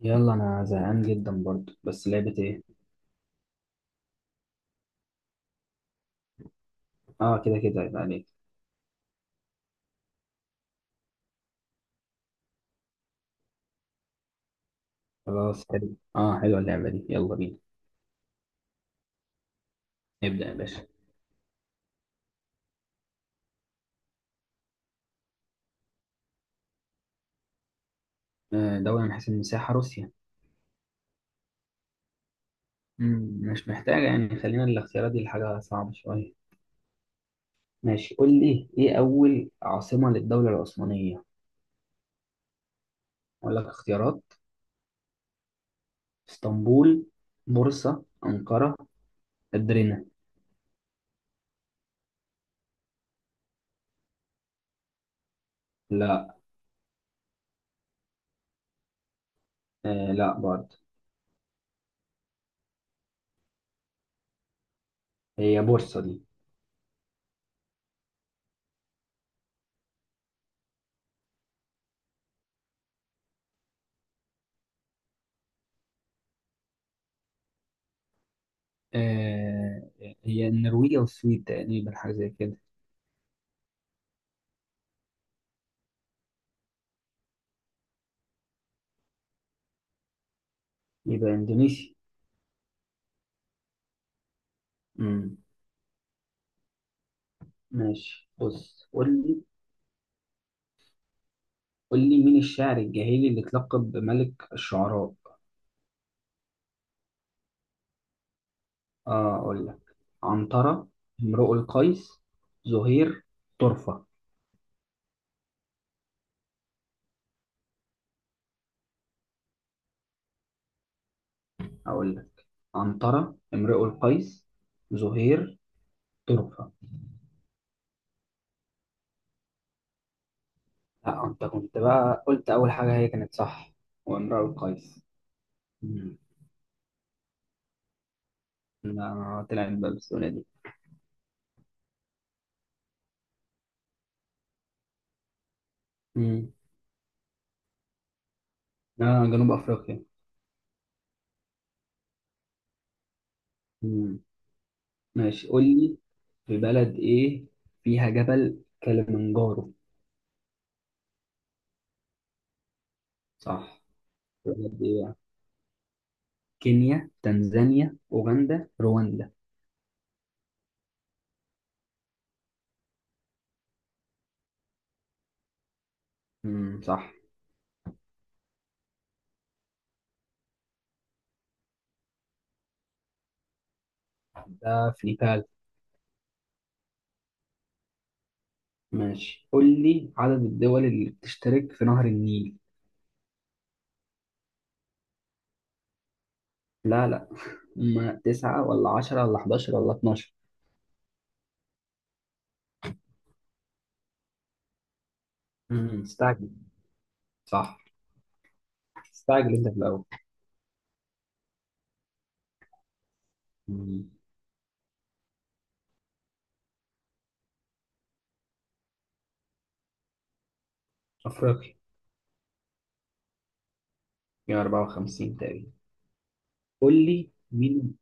يلا، انا زهقان جدا برضو، بس لعبة ايه؟ اه، كده كده يبقى عليك. خلاص حلو، اه حلوة اللعبة دي، يلا بينا. نبدأ يا باشا. دولة من حيث المساحة، روسيا. مش محتاجة، يعني خلينا الاختيارات دي لحاجة صعبة شوية. ماشي، قول لي ايه أول عاصمة للدولة العثمانية؟ اقول لك اختيارات. اسطنبول، بورصة، أنقرة، أدرينا. لا. آه، لا برضه. هي بورصة دي. آه هي النرويج والسويد تقريبا، حاجة زي كده. يبقى إندونيسيا. مم. ماشي، بص قول لي. قول لي مين الشاعر الجاهلي اللي اتلقب بملك الشعراء؟ اه، اقول لك. عنترة، امرؤ القيس، زهير، طرفة. اقول لك عنترة، امرؤ القيس، زهير، طرفة. لا، انت كنت بقى قلت اول حاجة، هي كانت صح. وامرؤ القيس. مم. لا، طلعت بقى بالسهولة دي. مم. لا، جنوب افريقيا. مم. ماشي، قول لي في بلد ايه فيها جبل كليمنجارو؟ صح. بلاد إيه يعني؟ كينيا، تنزانيا، أوغندا، رواندا. صح. ده في نيبال. ماشي، قول لي عدد الدول اللي بتشترك في نهر النيل؟ لا، لا، هما تسعة ولا عشرة ولا حداشر ولا اتناشر؟ استعجل. صح. استعجل انت في الأول. مم. أفريقيا. يا 54 تقريبا. قول لي مين.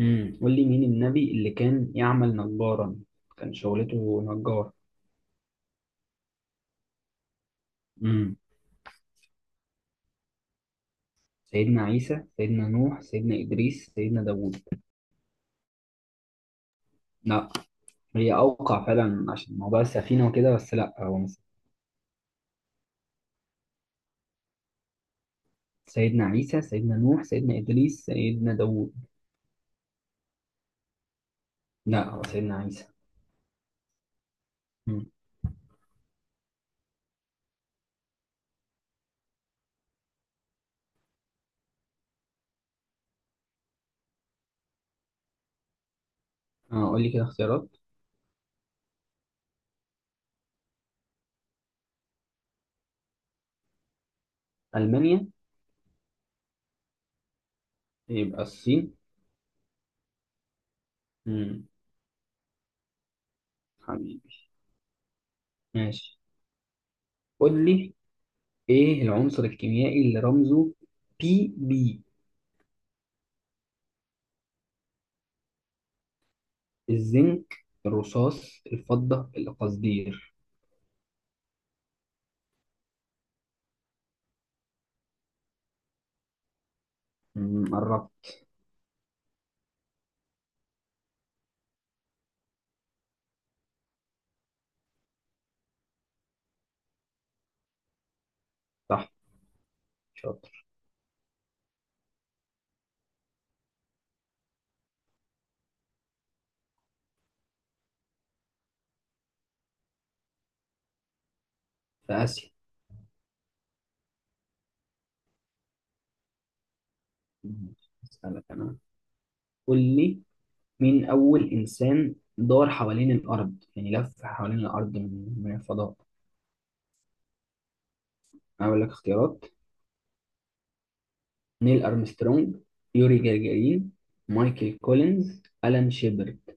قول لي مين النبي اللي كان يعمل نجارا؟ كان شغلته نجار. امم سيدنا عيسى، سيدنا نوح، سيدنا إدريس، سيدنا داوود. لا. هي أوقع فعلا عشان موضوع السفينة وكده، بس لأ، هو مش. سيدنا عيسى، سيدنا نوح، سيدنا إدريس، سيدنا داوود. لأ، هو سيدنا عيسى. مم. اه، قول لي كده اختيارات. ألمانيا. يبقى الصين. مم. حبيبي. ماشي، قول لي إيه العنصر الكيميائي اللي رمزه بي بي؟ الزنك، الرصاص، الفضة، القصدير. قربت. صح. شاطر. في آسيا. مم. أسألك أنا. قول لي مين أول إنسان دار حوالين الأرض، يعني لف حوالين الأرض من الفضاء؟ أقول لك اختيارات. نيل أرمسترونج. يوري جagarin. مايكل كولينز، ألان شيبرد.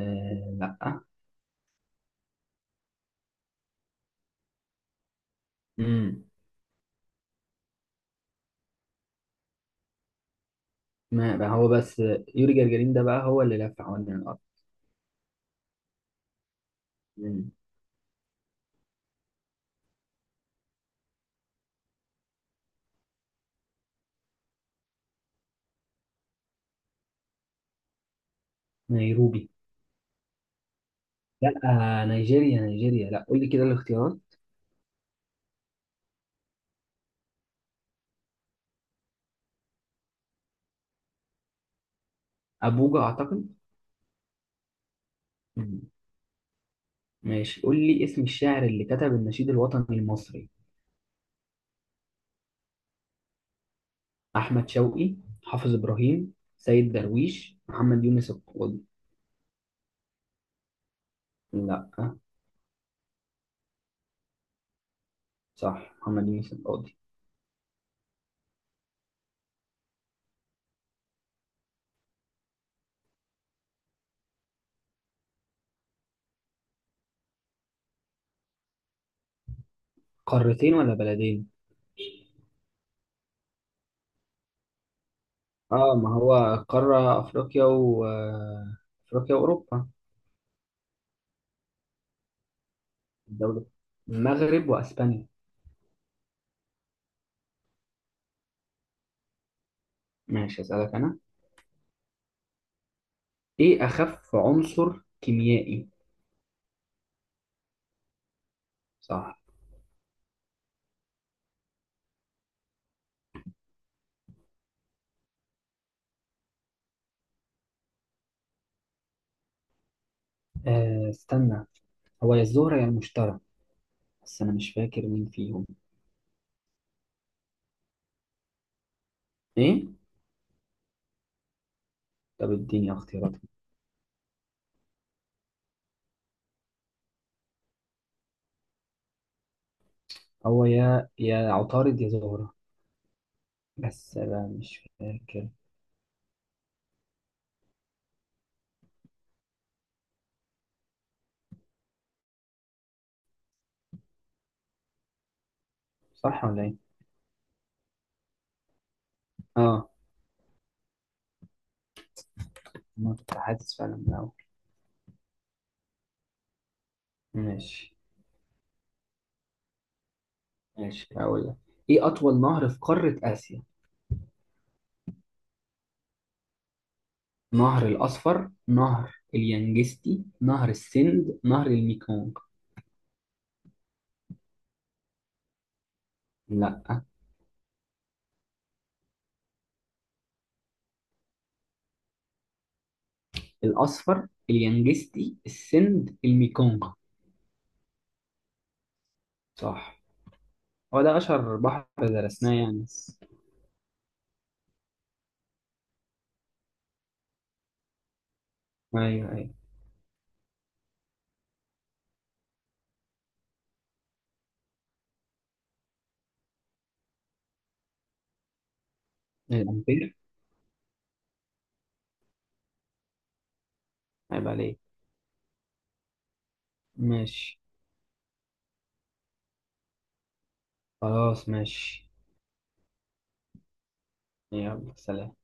آه، لأ. امم ما بقى هو بس. يوري جagarin ده بقى هو اللي لف حوالين الأرض. امم. نيروبي. لأ. نيجيريا نيجيريا، لأ، قول لي كده الاختيارات. أبوجا أعتقد. مم. ماشي، قول لي اسم الشاعر اللي كتب النشيد الوطني المصري؟ احمد شوقي، حافظ ابراهيم، سيد درويش، محمد يونس القاضي. لا. صح، محمد يونس القاضي. قارتين ولا بلدين؟ اه، ما هو. قارة افريقيا، و آه، افريقيا واوروبا. الدولة، المغرب واسبانيا. ماشي، اسالك انا. ايه اخف عنصر كيميائي؟ صح. استنى. هو يا الزهرة يا المشتري. بس انا مش فاكر مين فيهم. ايه؟ طب اديني اختيارات. هو يا عطارد يا زهرة. بس انا مش فاكر. صح ولا ايه؟ اه. انا كنت حاسس فعلا من الاول. ماشي. ماشي، هقول لك. ايه اطول نهر في قارة اسيا؟ نهر الاصفر، نهر اليانجستي، نهر السند، نهر الميكونغ. لا. الاصفر، اليانجستي، السند، الميكونغ. صح. هو ده اشهر بحر درسناه يعني، بس. ايوه، ايوه. الامبير. عيب عليك. ماشي. خلاص، ماشي. يلا، سلام.